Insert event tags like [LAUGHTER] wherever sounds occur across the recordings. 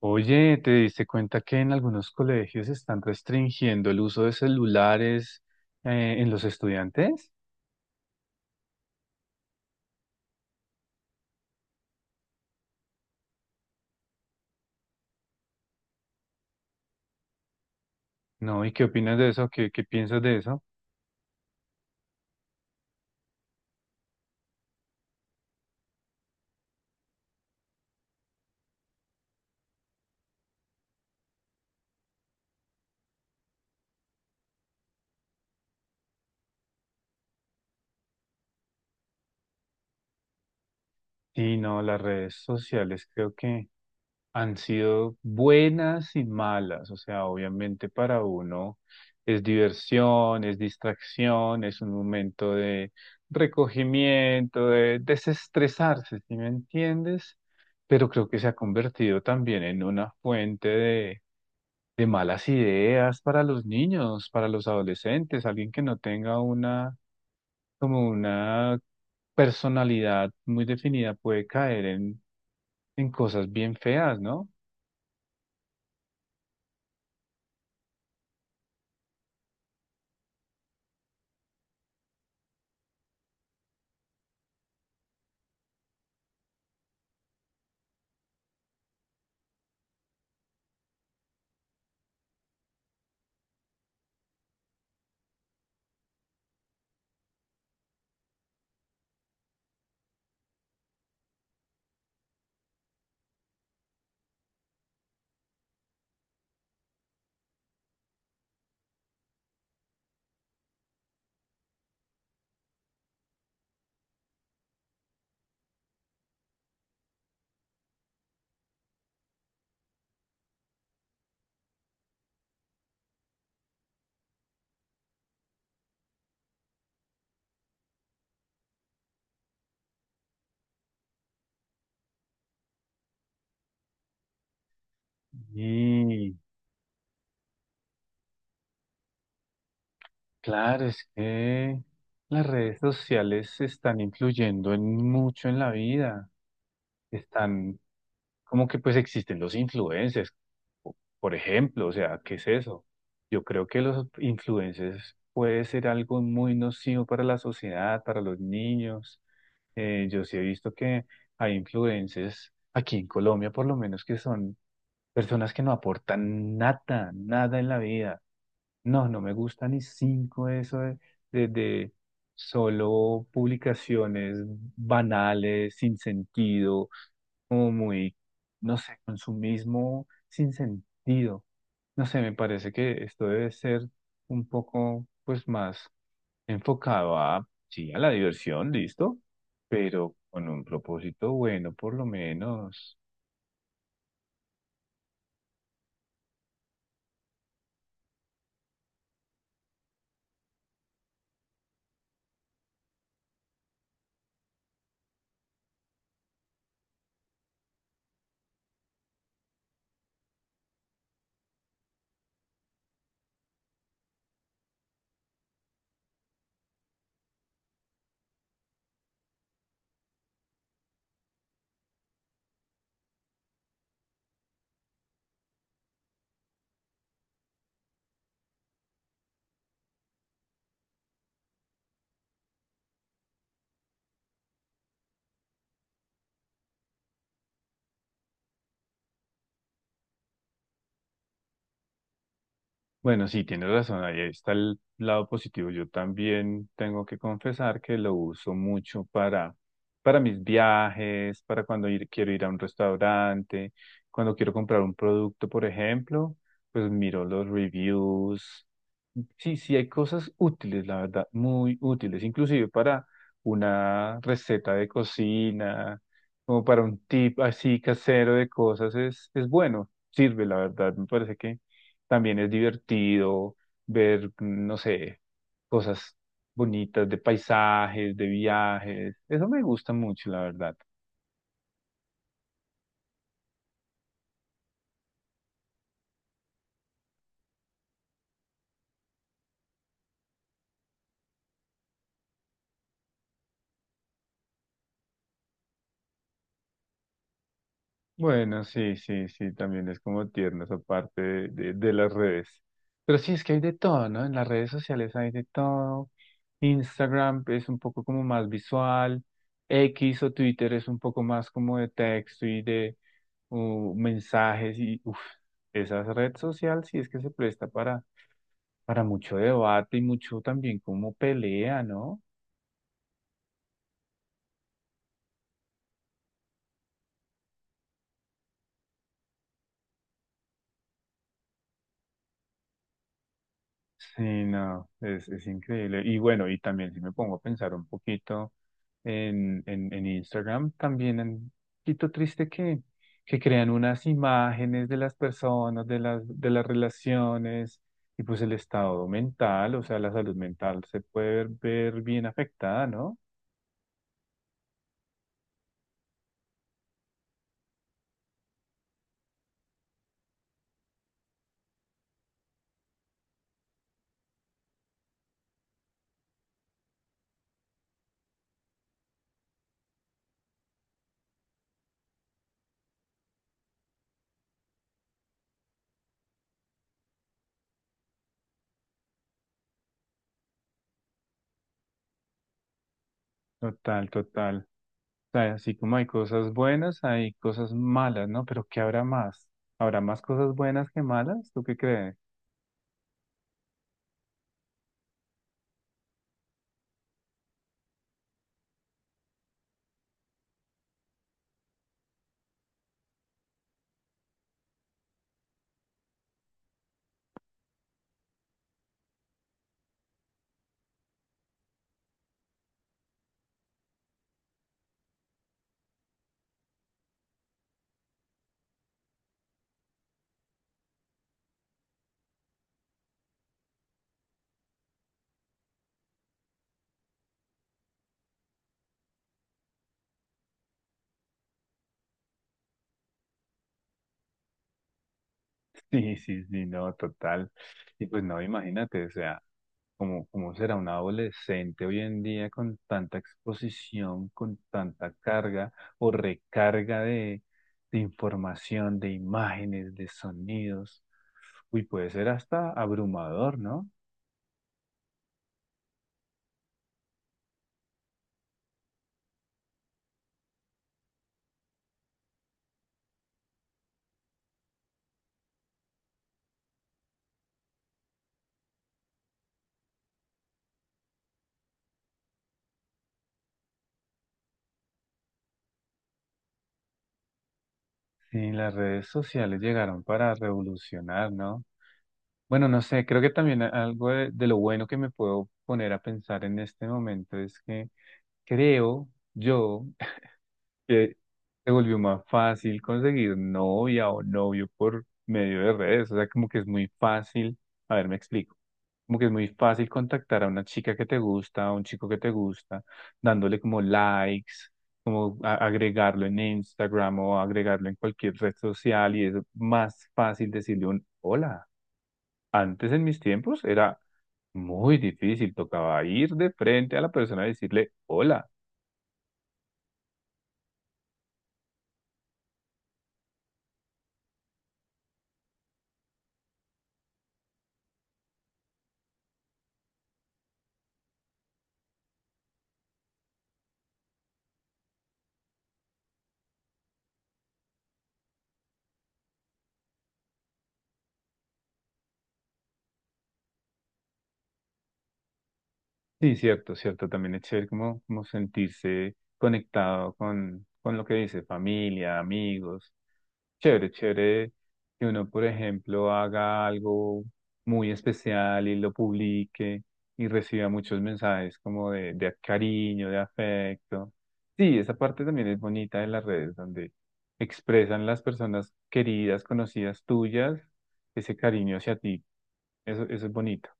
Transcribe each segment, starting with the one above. Oye, ¿te diste cuenta que en algunos colegios están restringiendo el uso de celulares en los estudiantes? No, ¿y qué opinas de eso? ¿Qué piensas de eso? Sí, no, las redes sociales creo que han sido buenas y malas. O sea, obviamente para uno es diversión, es distracción, es un momento de recogimiento, de desestresarse, ¿sí me entiendes? Pero creo que se ha convertido también en una fuente de malas ideas para los niños, para los adolescentes, alguien que no tenga una, como una personalidad muy definida puede caer en cosas bien feas, ¿no? Y claro, es que las redes sociales están influyendo en mucho en la vida, están como que pues existen los influencers, por ejemplo, o sea, ¿qué es eso? Yo creo que los influencers puede ser algo muy nocivo para la sociedad, para los niños. Yo sí he visto que hay influencers aquí en Colombia, por lo menos, que son personas que no aportan nada, nada en la vida. No, no me gusta ni cinco eso de solo publicaciones banales, sin sentido como muy, no sé, consumismo sin sentido. No sé, me parece que esto debe ser un poco, pues, más enfocado a, sí, a la diversión, listo, pero con un propósito bueno, por lo menos. Bueno, sí, tienes razón, ahí está el lado positivo. Yo también tengo que confesar que lo uso mucho para mis viajes, para cuando quiero ir a un restaurante, cuando quiero comprar un producto, por ejemplo, pues miro los reviews. Sí, sí, hay cosas útiles, la verdad, muy útiles, inclusive para una receta de cocina, como para un tip así casero de cosas, es bueno, sirve, la verdad, me parece que también es divertido ver, no sé, cosas bonitas de paisajes, de viajes. Eso me gusta mucho, la verdad. Bueno, sí, sí, sí, también es como tierno esa parte de, de las redes. Pero sí, es que hay de todo, ¿no? En las redes sociales hay de todo. Instagram es un poco como más visual. X o Twitter es un poco más como de texto y de mensajes y uf, esa red social sí es que se presta para mucho debate y mucho también como pelea, ¿no? Sí, no, es increíble. Y bueno, y también si me pongo a pensar un poquito en Instagram, también un poquito triste que crean unas imágenes de las personas, de las relaciones y pues el estado mental, o sea, la salud mental se puede ver bien afectada, ¿no? Total, total. Sea, así como hay cosas buenas, hay cosas malas, ¿no? Pero ¿qué habrá más? ¿Habrá más cosas buenas que malas? ¿Tú qué crees? [LAUGHS] Sí, sí, sí, no, total. Y pues no, imagínate, o sea, ¿cómo será un adolescente hoy en día con tanta exposición, con tanta carga o recarga de información, de imágenes, de sonidos? Uy, puede ser hasta abrumador, ¿no? Sí, las redes sociales llegaron para revolucionar, ¿no? Bueno, no sé, creo que también algo de lo bueno que me puedo poner a pensar en este momento es que creo yo [LAUGHS] que se volvió más fácil conseguir novia o novio por medio de redes, o sea, como que es muy fácil, a ver, me explico, como que es muy fácil contactar a una chica que te gusta, a un chico que te gusta, dándole como likes, como agregarlo en Instagram o agregarlo en cualquier red social y es más fácil decirle un hola. Antes en mis tiempos era muy difícil, tocaba ir de frente a la persona y decirle hola. Sí, cierto, cierto, también es chévere como, como sentirse conectado con lo que dice, familia, amigos. Chévere, chévere que uno, por ejemplo, haga algo muy especial y lo publique y reciba muchos mensajes como de cariño, de afecto. Sí, esa parte también es bonita de las redes, donde expresan las personas queridas, conocidas tuyas, ese cariño hacia ti. Eso es bonito.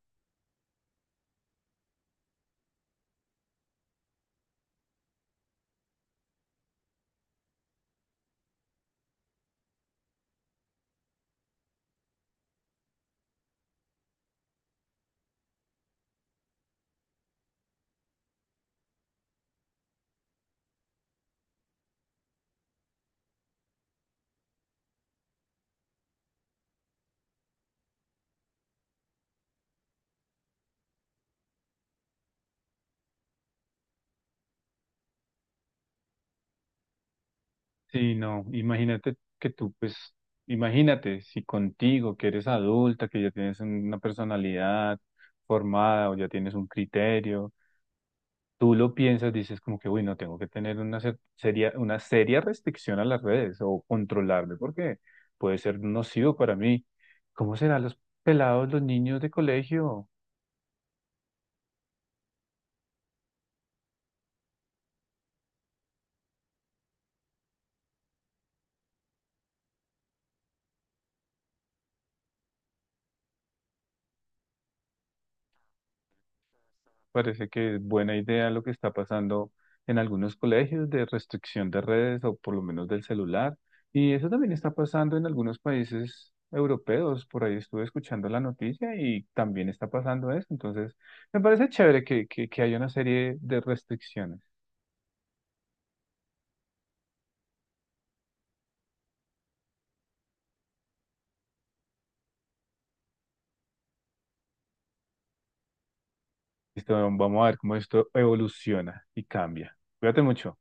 Sí, no, imagínate que tú, pues, imagínate si contigo, que eres adulta, que ya tienes una personalidad formada o ya tienes un criterio, tú lo piensas, dices como que, uy, no, tengo que tener una seria, una seria restricción a las redes o controlarme porque puede ser nocivo para mí. ¿Cómo serán los pelados, los niños de colegio? Parece que es buena idea lo que está pasando en algunos colegios de restricción de redes o por lo menos del celular. Y eso también está pasando en algunos países europeos. Por ahí estuve escuchando la noticia y también está pasando eso. Entonces, me parece chévere que haya una serie de restricciones. Listo, vamos a ver cómo esto evoluciona y cambia. Cuídate mucho.